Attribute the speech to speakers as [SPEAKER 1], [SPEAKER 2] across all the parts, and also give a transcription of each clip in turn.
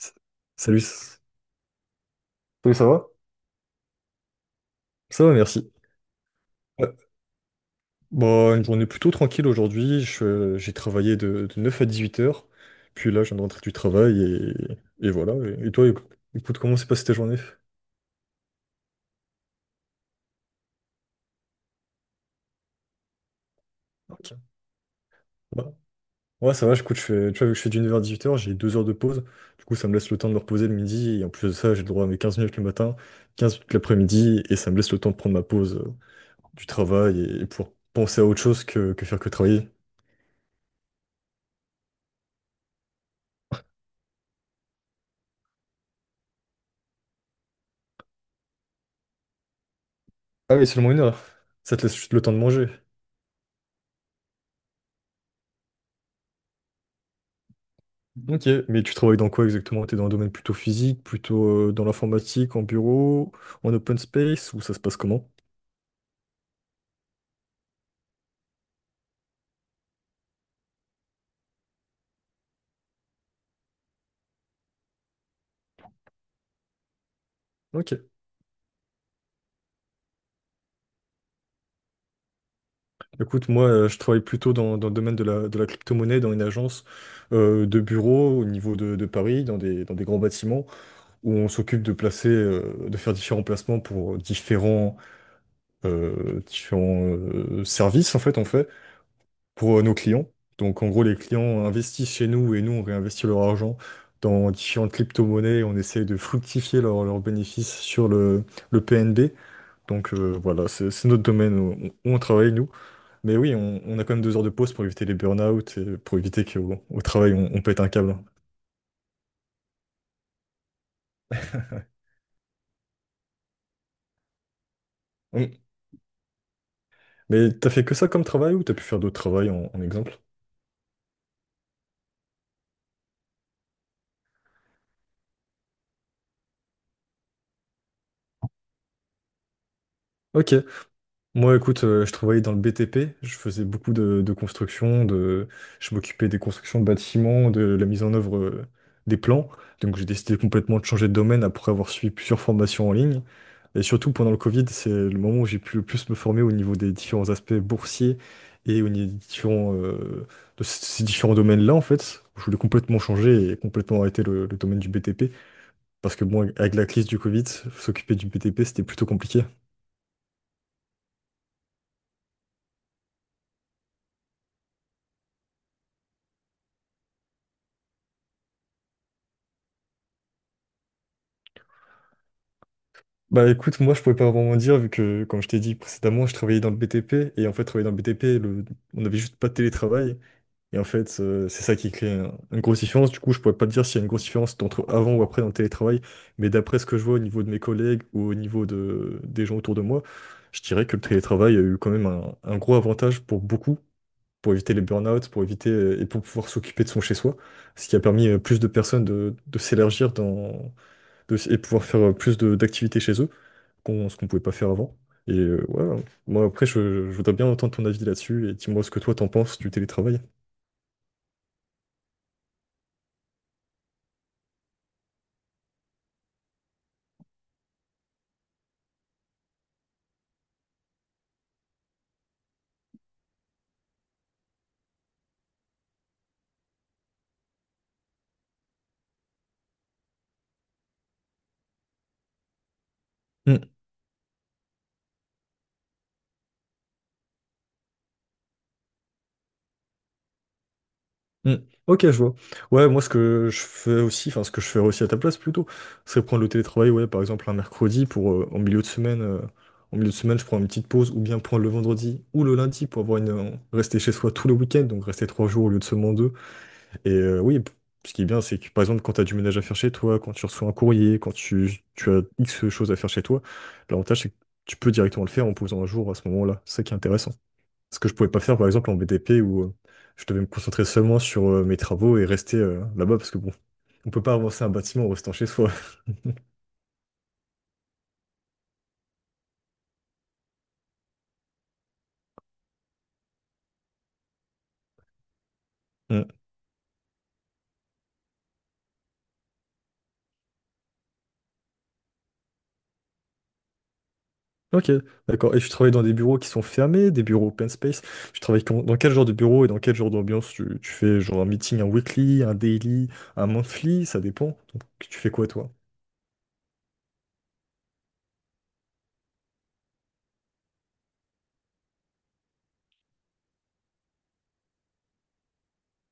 [SPEAKER 1] S- Salut, Oui, ça va? Ça va, merci. Ouais. Bon, une journée plutôt tranquille aujourd'hui. J'ai travaillé de 9 à 8 heures. Puis là, je viens de rentrer du travail et voilà. Et toi, écoute, comment s'est passée ta journée? Ok. Ouais, ouais, ça va, écoute, je fais, tu vois, vu que je fais du 9h-18h. J'ai 2 heures de pause. Du coup, ça me laisse le temps de me reposer le midi. Et en plus de ça, j'ai le droit à mes 15 minutes le matin, 15 minutes l'après-midi. Et ça me laisse le temps de prendre ma pause du travail et pour penser à autre chose que faire que travailler. Ah oui, seulement 1 heure. Ça te laisse juste le temps de manger. Ok, mais tu travailles dans quoi exactement? T'es dans un domaine plutôt physique, plutôt dans l'informatique, en bureau, en open space, ou ça se passe comment? Ok. Écoute, moi, je travaille plutôt dans le domaine de la crypto-monnaie, dans une agence de bureau au niveau de Paris, dans des grands bâtiments, où on s'occupe de placer, de faire différents placements pour différents services, en fait, on fait pour nos clients. Donc, en gros, les clients investissent chez nous et nous, on réinvestit leur argent dans différentes crypto-monnaies. On essaie de fructifier leurs bénéfices sur le PNB. Donc, voilà, c'est notre domaine où on travaille, nous. Mais oui, on a quand même 2 heures de pause pour éviter les burn-out et pour éviter qu'au au travail, on pète un câble. Mm. Mais t'as fait que ça comme travail ou t'as pu faire d'autres travails en exemple? Ok. Moi, écoute, je travaillais dans le BTP, je faisais beaucoup de construction. Je m'occupais des constructions de bâtiments, de la mise en œuvre des plans. Donc, j'ai décidé complètement de changer de domaine après avoir suivi plusieurs formations en ligne. Et surtout, pendant le Covid, c'est le moment où j'ai pu le plus me former au niveau des différents aspects boursiers et au niveau de ces différents domaines-là, en fait. Je voulais complètement changer et complètement arrêter le domaine du BTP. Parce que, bon, avec la crise du Covid, s'occuper du BTP, c'était plutôt compliqué. Bah écoute, moi je pouvais pas vraiment dire vu que comme je t'ai dit précédemment, je travaillais dans le BTP et en fait travailler dans le BTP, on n'avait juste pas de télétravail et en fait c'est ça qui crée une grosse différence. Du coup, je pourrais pas te dire s'il y a une grosse différence entre avant ou après dans le télétravail, mais d'après ce que je vois au niveau de mes collègues ou au niveau de des gens autour de moi, je dirais que le télétravail a eu quand même un gros avantage pour beaucoup, pour éviter les burn-out, pour éviter et pour pouvoir s'occuper de son chez-soi, ce qui a permis plus de personnes de s'élargir et pouvoir faire plus d'activités chez eux qu'on ce qu'on pouvait pas faire avant. Et voilà. Moi, après, je voudrais bien entendre ton avis là-dessus et dis-moi ce que toi t'en penses du télétravail. Hmm, hmm. Ok, je vois. Ouais, moi, ce que je fais aussi, enfin, ce que je ferais aussi à ta place plutôt, c'est prendre le télétravail, ouais, par exemple, un mercredi pour en milieu de semaine, je prends une petite pause ou bien prendre le vendredi ou le lundi pour avoir rester chez soi tout le week-end, donc rester 3 jours au lieu de seulement deux. Et oui, ce qui est bien, c'est que par exemple, quand tu as du ménage à faire chez toi, quand tu reçois un courrier, quand tu as X choses à faire chez toi, l'avantage, c'est que tu peux directement le faire en posant un jour à ce moment-là. C'est ça qui est intéressant. Ce que je pouvais pas faire, par exemple, en BDP, où je devais me concentrer seulement sur mes travaux et rester là-bas, parce que bon, on peut pas avancer un bâtiment en restant chez soi. Mm. Ok, d'accord. Et tu travailles dans des bureaux qui sont fermés, des bureaux open space. Tu travailles dans quel genre de bureau et dans quel genre d'ambiance tu fais genre un meeting, un weekly, un daily, un monthly, ça dépend. Donc, tu fais quoi, toi?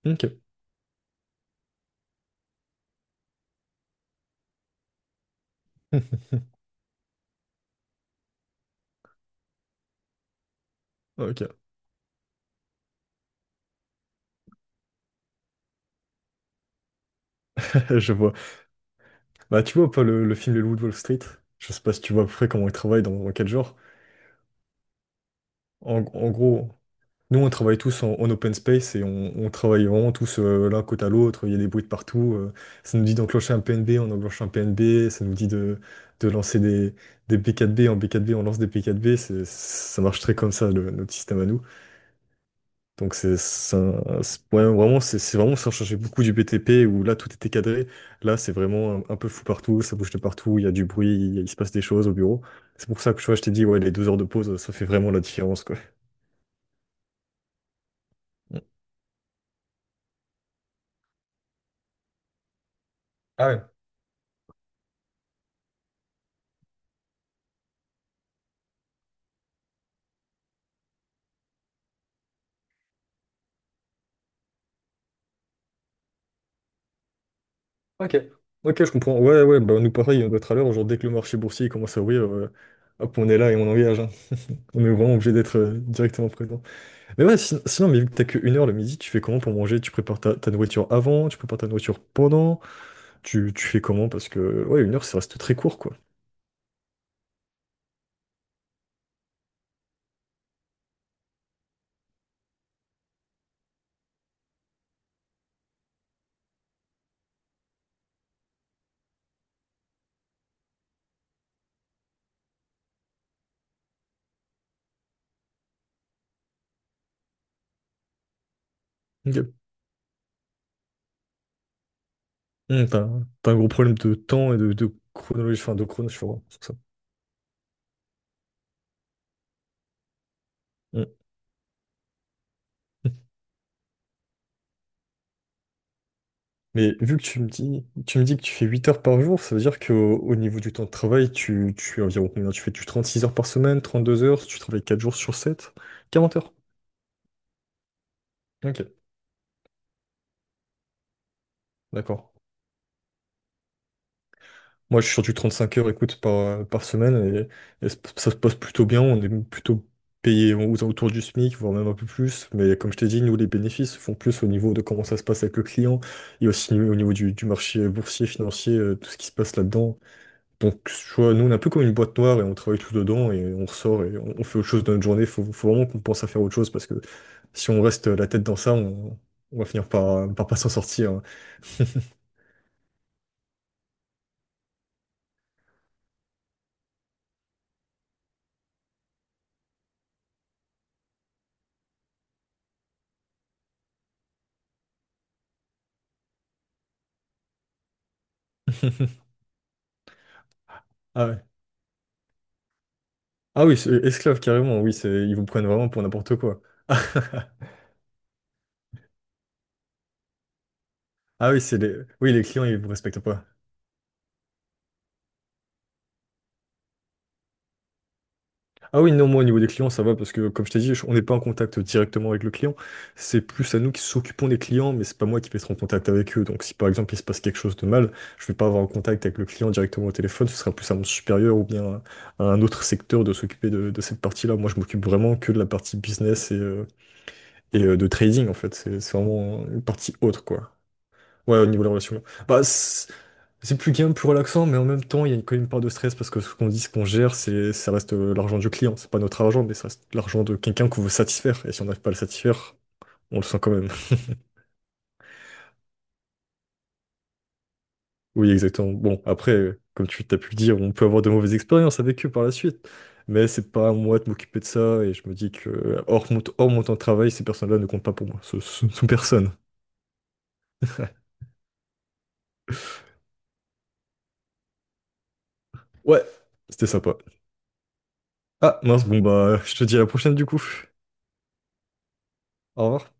[SPEAKER 1] Ok. Ok. Je vois. Bah, tu vois pas le film Les Loups de Wall Street? Je sais pas si tu vois à peu près comment ils travaillent, dans quel genre. En gros, nous, on travaille tous en open space et on travaille vraiment tous l'un côté à l'autre. Il y a des bruits de partout. Ça nous dit d'enclencher un PNB, on enclenche un PNB. Ça nous dit de lancer des B4B. En B4B, on lance des B4B. Ça marche très comme ça, notre système à nous. Donc ouais, vraiment c'est vraiment ça changeait beaucoup du BTP où là tout était cadré. Là c'est vraiment un peu fou partout, ça bouge de partout, il y a du bruit, il se passe des choses au bureau. C'est pour ça que tu vois, je t'ai dit ouais les 2 heures de pause ça fait vraiment la différence quoi. Mm. Ah ouais, ok. Ok, je comprends. Ouais, ouais, bah nous pareil on doit être à l'heure. Genre dès que le marché boursier commence à ouvrir, hop on est là et on engage. Hein. On est vraiment obligé d'être directement présent. Mais ouais sinon, mais vu que t'as que 1 heure le midi, tu fais comment pour manger? Tu prépares ta nourriture avant, tu prépares ta nourriture pendant. Tu fais comment? Parce que ouais, 1 heure, ça reste très court, quoi. Ok. T'as un gros problème de temps et de chronologie, enfin de chrono sur ça. Hum. Mais vu que tu me dis que tu fais 8 heures par jour, ça veut dire qu'au au niveau du temps de travail, tu es environ combien? Tu fais tu 6 heures par semaine, 32 heures, tu travailles 4 jours sur 7 40 heures. Ok, d'accord. Moi, je suis sur du 35 heures, écoute, par semaine, et ça se passe plutôt bien. On est plutôt payé aux alentours du SMIC, voire même un peu plus. Mais comme je t'ai dit, nous, les bénéfices se font plus au niveau de comment ça se passe avec le client, et aussi au niveau du marché boursier, financier, tout ce qui se passe là-dedans. Donc, tu vois, nous, on est un peu comme une boîte noire, et on travaille tout dedans, et on ressort, et on fait autre chose dans notre journée. Faut vraiment qu'on pense à faire autre chose, parce que si on reste la tête dans ça, on va finir par pas s'en sortir. Hein. Ah ouais. Ah oui, c'est esclave carrément, oui, c'est ils vous prennent vraiment pour n'importe quoi. Ah oui, c'est les oui, les clients ils vous respectent pas. Ah oui, non, moi au niveau des clients, ça va parce que comme je t'ai dit, on n'est pas en contact directement avec le client. C'est plus à nous qui s'occupons des clients, mais c'est pas moi qui vais être en contact avec eux. Donc si par exemple il se passe quelque chose de mal, je vais pas avoir en contact avec le client directement au téléphone, ce sera plus à mon supérieur ou bien à un autre secteur de s'occuper de cette partie-là. Moi je m'occupe vraiment que de la partie business et de trading en fait. C'est vraiment une partie autre quoi. Ouais, au niveau de la relation. Bah, c'est plus gain, plus relaxant, mais en même temps, il y a quand même une part de stress parce que ce qu'on dit, ce qu'on gère, ça reste l'argent du client. C'est pas notre argent, mais ça reste l'argent de quelqu'un qu'on veut satisfaire. Et si on n'arrive pas à le satisfaire, on le sent quand même. Oui, exactement. Bon, après, comme tu t'as pu le dire, on peut avoir de mauvaises expériences avec eux par la suite. Mais c'est pas à moi de m'occuper de ça. Et je me dis que, hors mon temps de travail, ces personnes-là ne comptent pas pour moi. Ce sont personne. Ouais, c'était sympa. Ah, mince, bon, bah, je te dis à la prochaine du coup. Au revoir.